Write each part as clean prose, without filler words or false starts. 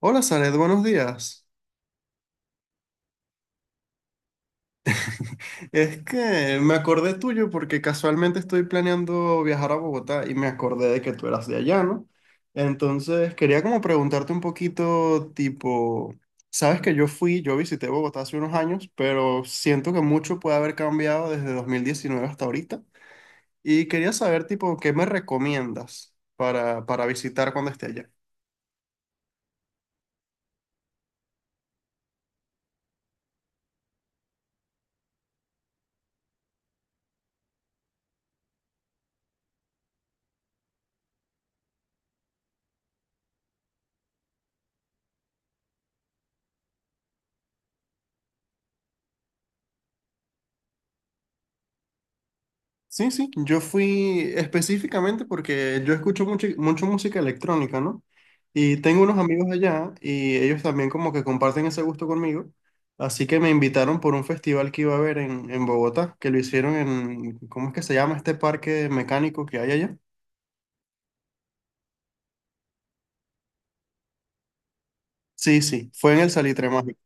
Hola, Sanet, buenos días. Es que me acordé tuyo porque casualmente estoy planeando viajar a Bogotá y me acordé de que tú eras de allá, ¿no? Entonces quería como preguntarte un poquito, tipo, sabes que yo visité Bogotá hace unos años, pero siento que mucho puede haber cambiado desde 2019 hasta ahorita y quería saber, tipo, ¿qué me recomiendas para visitar cuando esté allá? Sí, sí, yo fui específicamente porque yo escucho mucho, mucho música electrónica, ¿no? Y tengo unos amigos allá y ellos también como que comparten ese gusto conmigo. Así que me invitaron por un festival que iba a haber en Bogotá, que lo hicieron en, ¿cómo es que se llama este parque mecánico que hay allá? Sí, sí, fue en el Salitre Mágico.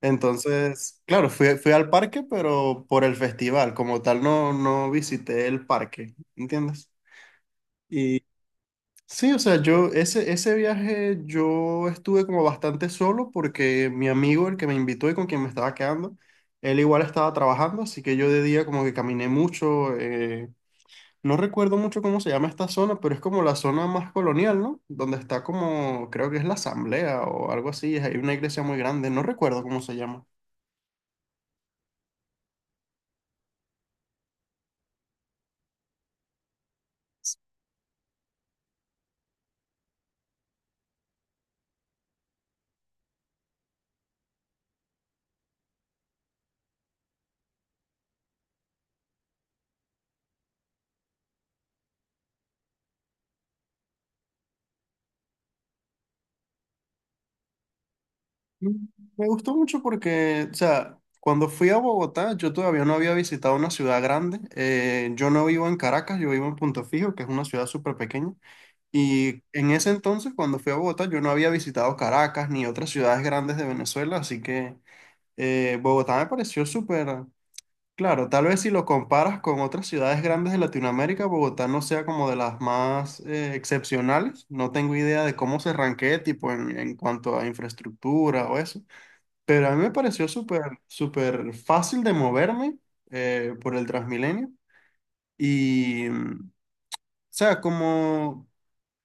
Entonces, claro, fui al parque, pero por el festival, como tal no visité el parque, ¿entiendes? Sí, o sea, yo ese viaje yo estuve como bastante solo porque mi amigo, el que me invitó y con quien me estaba quedando, él igual estaba trabajando, así que yo de día como que caminé mucho. No recuerdo mucho cómo se llama esta zona, pero es como la zona más colonial, ¿no? Donde está como, creo que es la asamblea o algo así, hay una iglesia muy grande, no recuerdo cómo se llama. Mm, Me gustó mucho porque, o sea, cuando fui a Bogotá, yo todavía no había visitado una ciudad grande. Yo no vivo en Caracas, yo vivo en Punto Fijo, que es una ciudad súper pequeña. Y en ese entonces, cuando fui a Bogotá, yo no había visitado Caracas ni otras ciudades grandes de Venezuela, así que Bogotá me pareció súper, claro, tal vez si lo comparas con otras ciudades grandes de Latinoamérica, Bogotá no sea como de las más excepcionales. No tengo idea de cómo se ranquee, tipo, en cuanto a infraestructura o eso, pero a mí me pareció súper, súper fácil de moverme por el Transmilenio y, o sea, como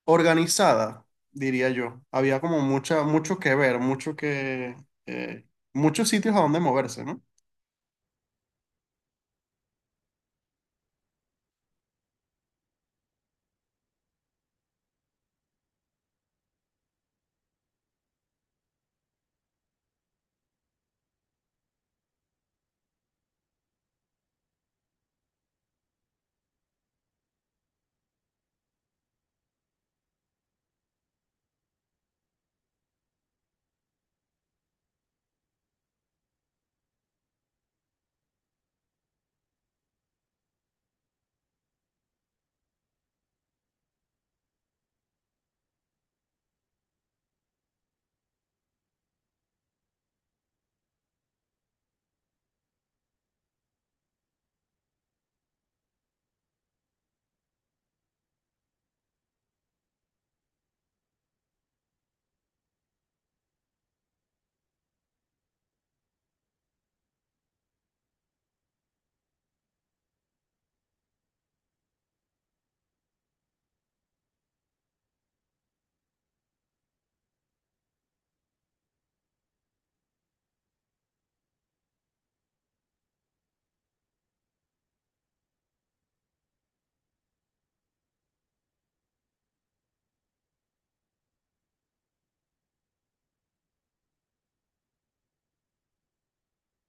organizada, diría yo. Había como mucho que ver, eh, muchos sitios a donde moverse, ¿no?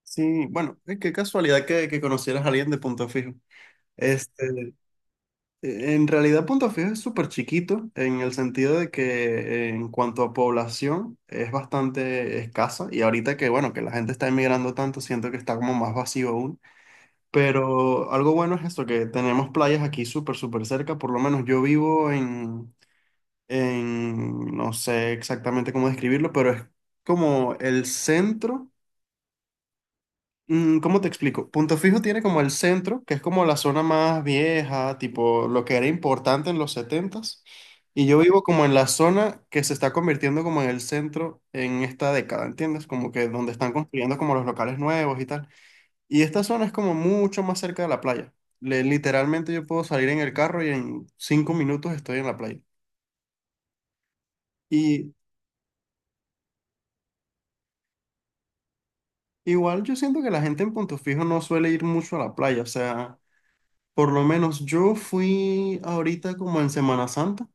Sí, bueno, qué casualidad que conocieras a alguien de Punto Fijo. Este, En realidad, Punto Fijo es súper chiquito en el sentido de que en cuanto a población es bastante escasa y ahorita que, bueno, que la gente está emigrando tanto, siento que está como más vacío aún. Pero algo bueno es esto, que tenemos playas aquí súper, súper cerca, por lo menos en, no sé exactamente cómo describirlo, pero es como el centro. ¿Cómo te explico? Punto Fijo tiene como el centro, que es como la zona más vieja, tipo lo que era importante en los setentas. Y yo vivo como en la zona que se está convirtiendo como en el centro en esta década, ¿entiendes? Como que donde están construyendo como los locales nuevos y tal. Y esta zona es como mucho más cerca de la playa. Literalmente yo puedo salir en el carro y en 5 minutos estoy en la playa. Y igual yo siento que la gente en Punto Fijo no suele ir mucho a la playa, o sea... Por lo menos yo fui ahorita como en Semana Santa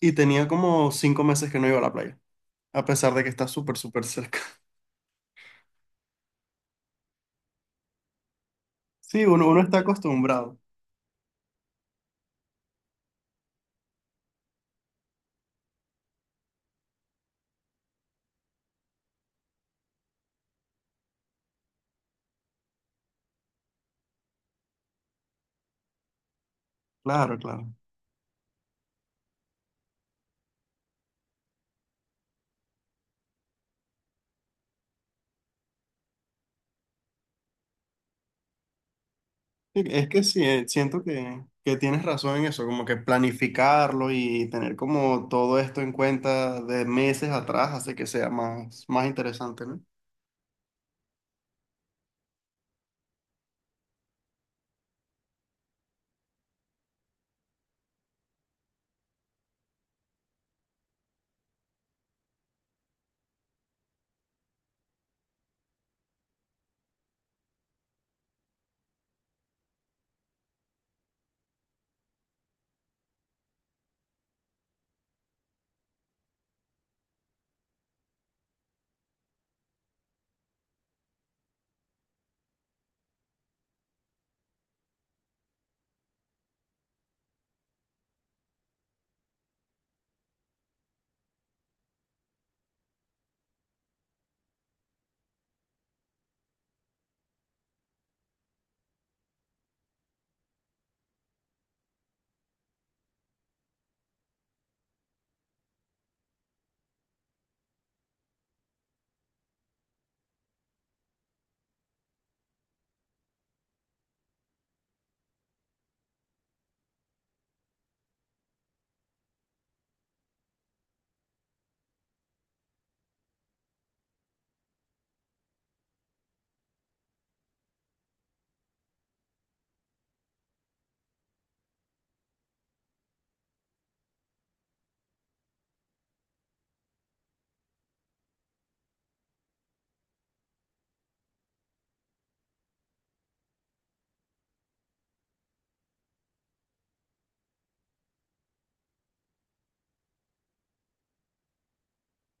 y tenía como 5 meses que no iba a la playa, a pesar de que está súper, súper cerca. Sí, uno, uno está acostumbrado. Claro, claro. Sí, es que sí, siento que tienes razón en eso, como que planificarlo y tener como todo esto en cuenta de meses atrás hace que sea más, más interesante, ¿no?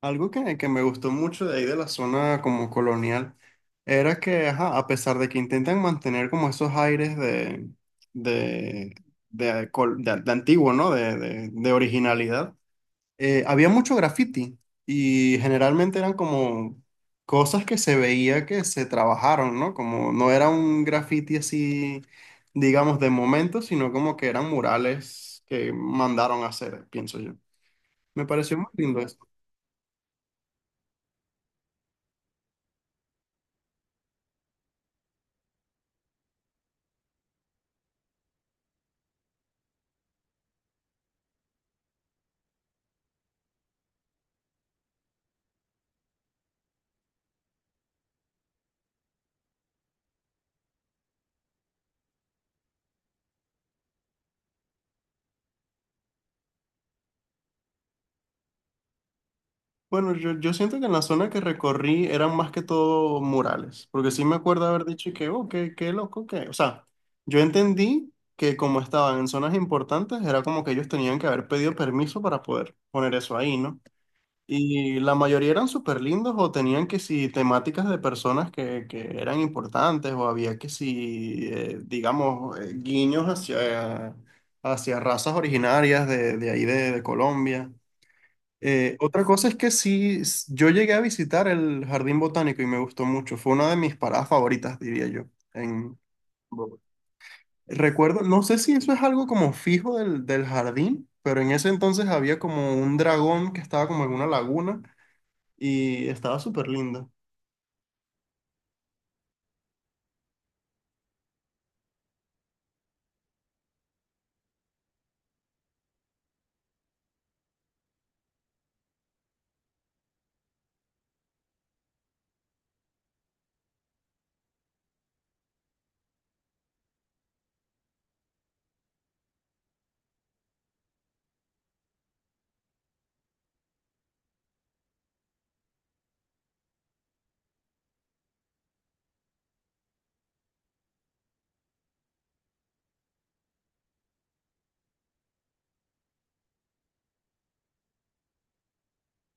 Algo que me gustó mucho de ahí de la zona como colonial era que, ajá, a pesar de que intentan mantener como esos aires de, de antiguo, ¿no? De originalidad, había mucho graffiti y generalmente eran como cosas que se veía que se trabajaron, ¿no? Como no era un graffiti así, digamos, de momento, sino como que eran murales que mandaron a hacer, pienso yo. Me pareció muy lindo. Bueno, yo siento que en la zona que recorrí eran más que todo murales, porque sí me acuerdo haber dicho que, oh, qué loco, que... O sea, yo entendí que como estaban en zonas importantes, era como que ellos tenían que haber pedido permiso para poder poner eso ahí, ¿no? Y la mayoría eran súper lindos o tenían que si temáticas de personas que eran importantes o había que si, digamos, guiños hacia razas originarias de ahí de Colombia. Otra cosa es que sí, yo llegué a visitar el Jardín Botánico y me gustó mucho. Fue una de mis paradas favoritas, diría yo. En... Bogotá. Recuerdo, no sé si eso es algo como fijo del jardín, pero en ese entonces había como un dragón que estaba como en una laguna y estaba súper lindo.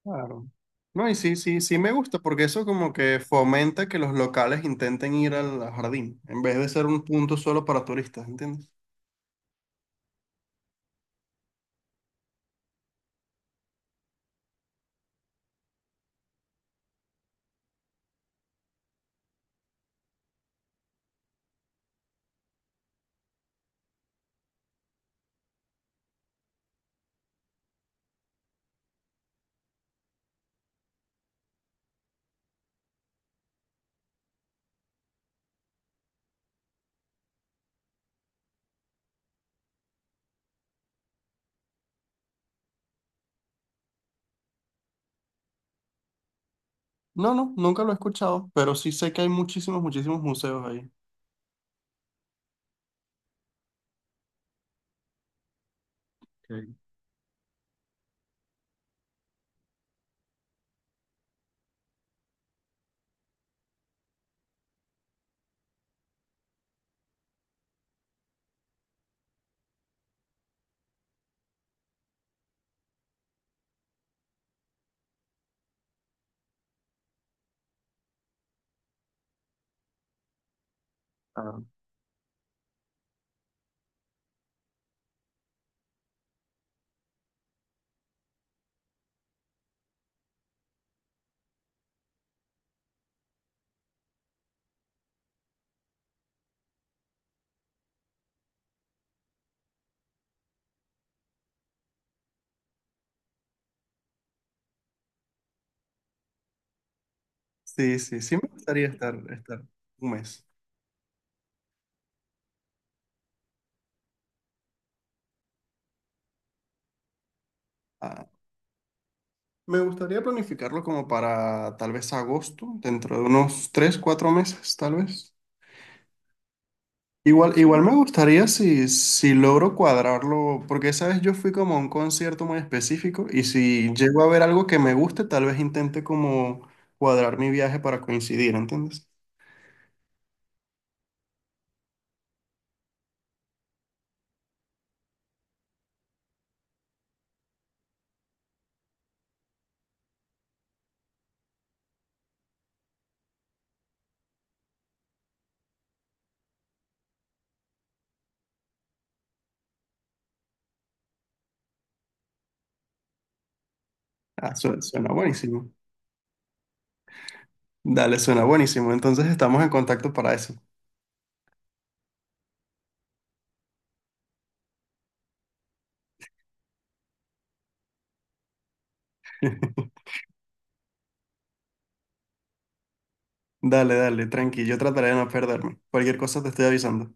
Claro. No, y sí, sí, sí me gusta porque eso como que fomenta que los locales intenten ir al jardín en vez de ser un punto solo para turistas, ¿entiendes? No, no, nunca lo he escuchado, pero sí sé que hay muchísimos, muchísimos museos ahí. Ok. Ah, sí, sí, sí me gustaría estar 1 mes. Ah, me gustaría planificarlo como para tal vez agosto, dentro de unos 3, 4 meses, tal vez. Igual, igual me gustaría si logro cuadrarlo, porque esa vez yo fui como a un concierto muy específico y si llego a ver algo que me guste, tal vez intente como cuadrar mi viaje para coincidir, ¿entiendes? Ah, suena buenísimo. Dale, suena buenísimo. Entonces estamos en contacto para eso. Dale, dale, tranqui. Yo trataré de no perderme. Cualquier cosa te estoy avisando.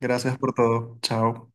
Gracias por todo. Chao.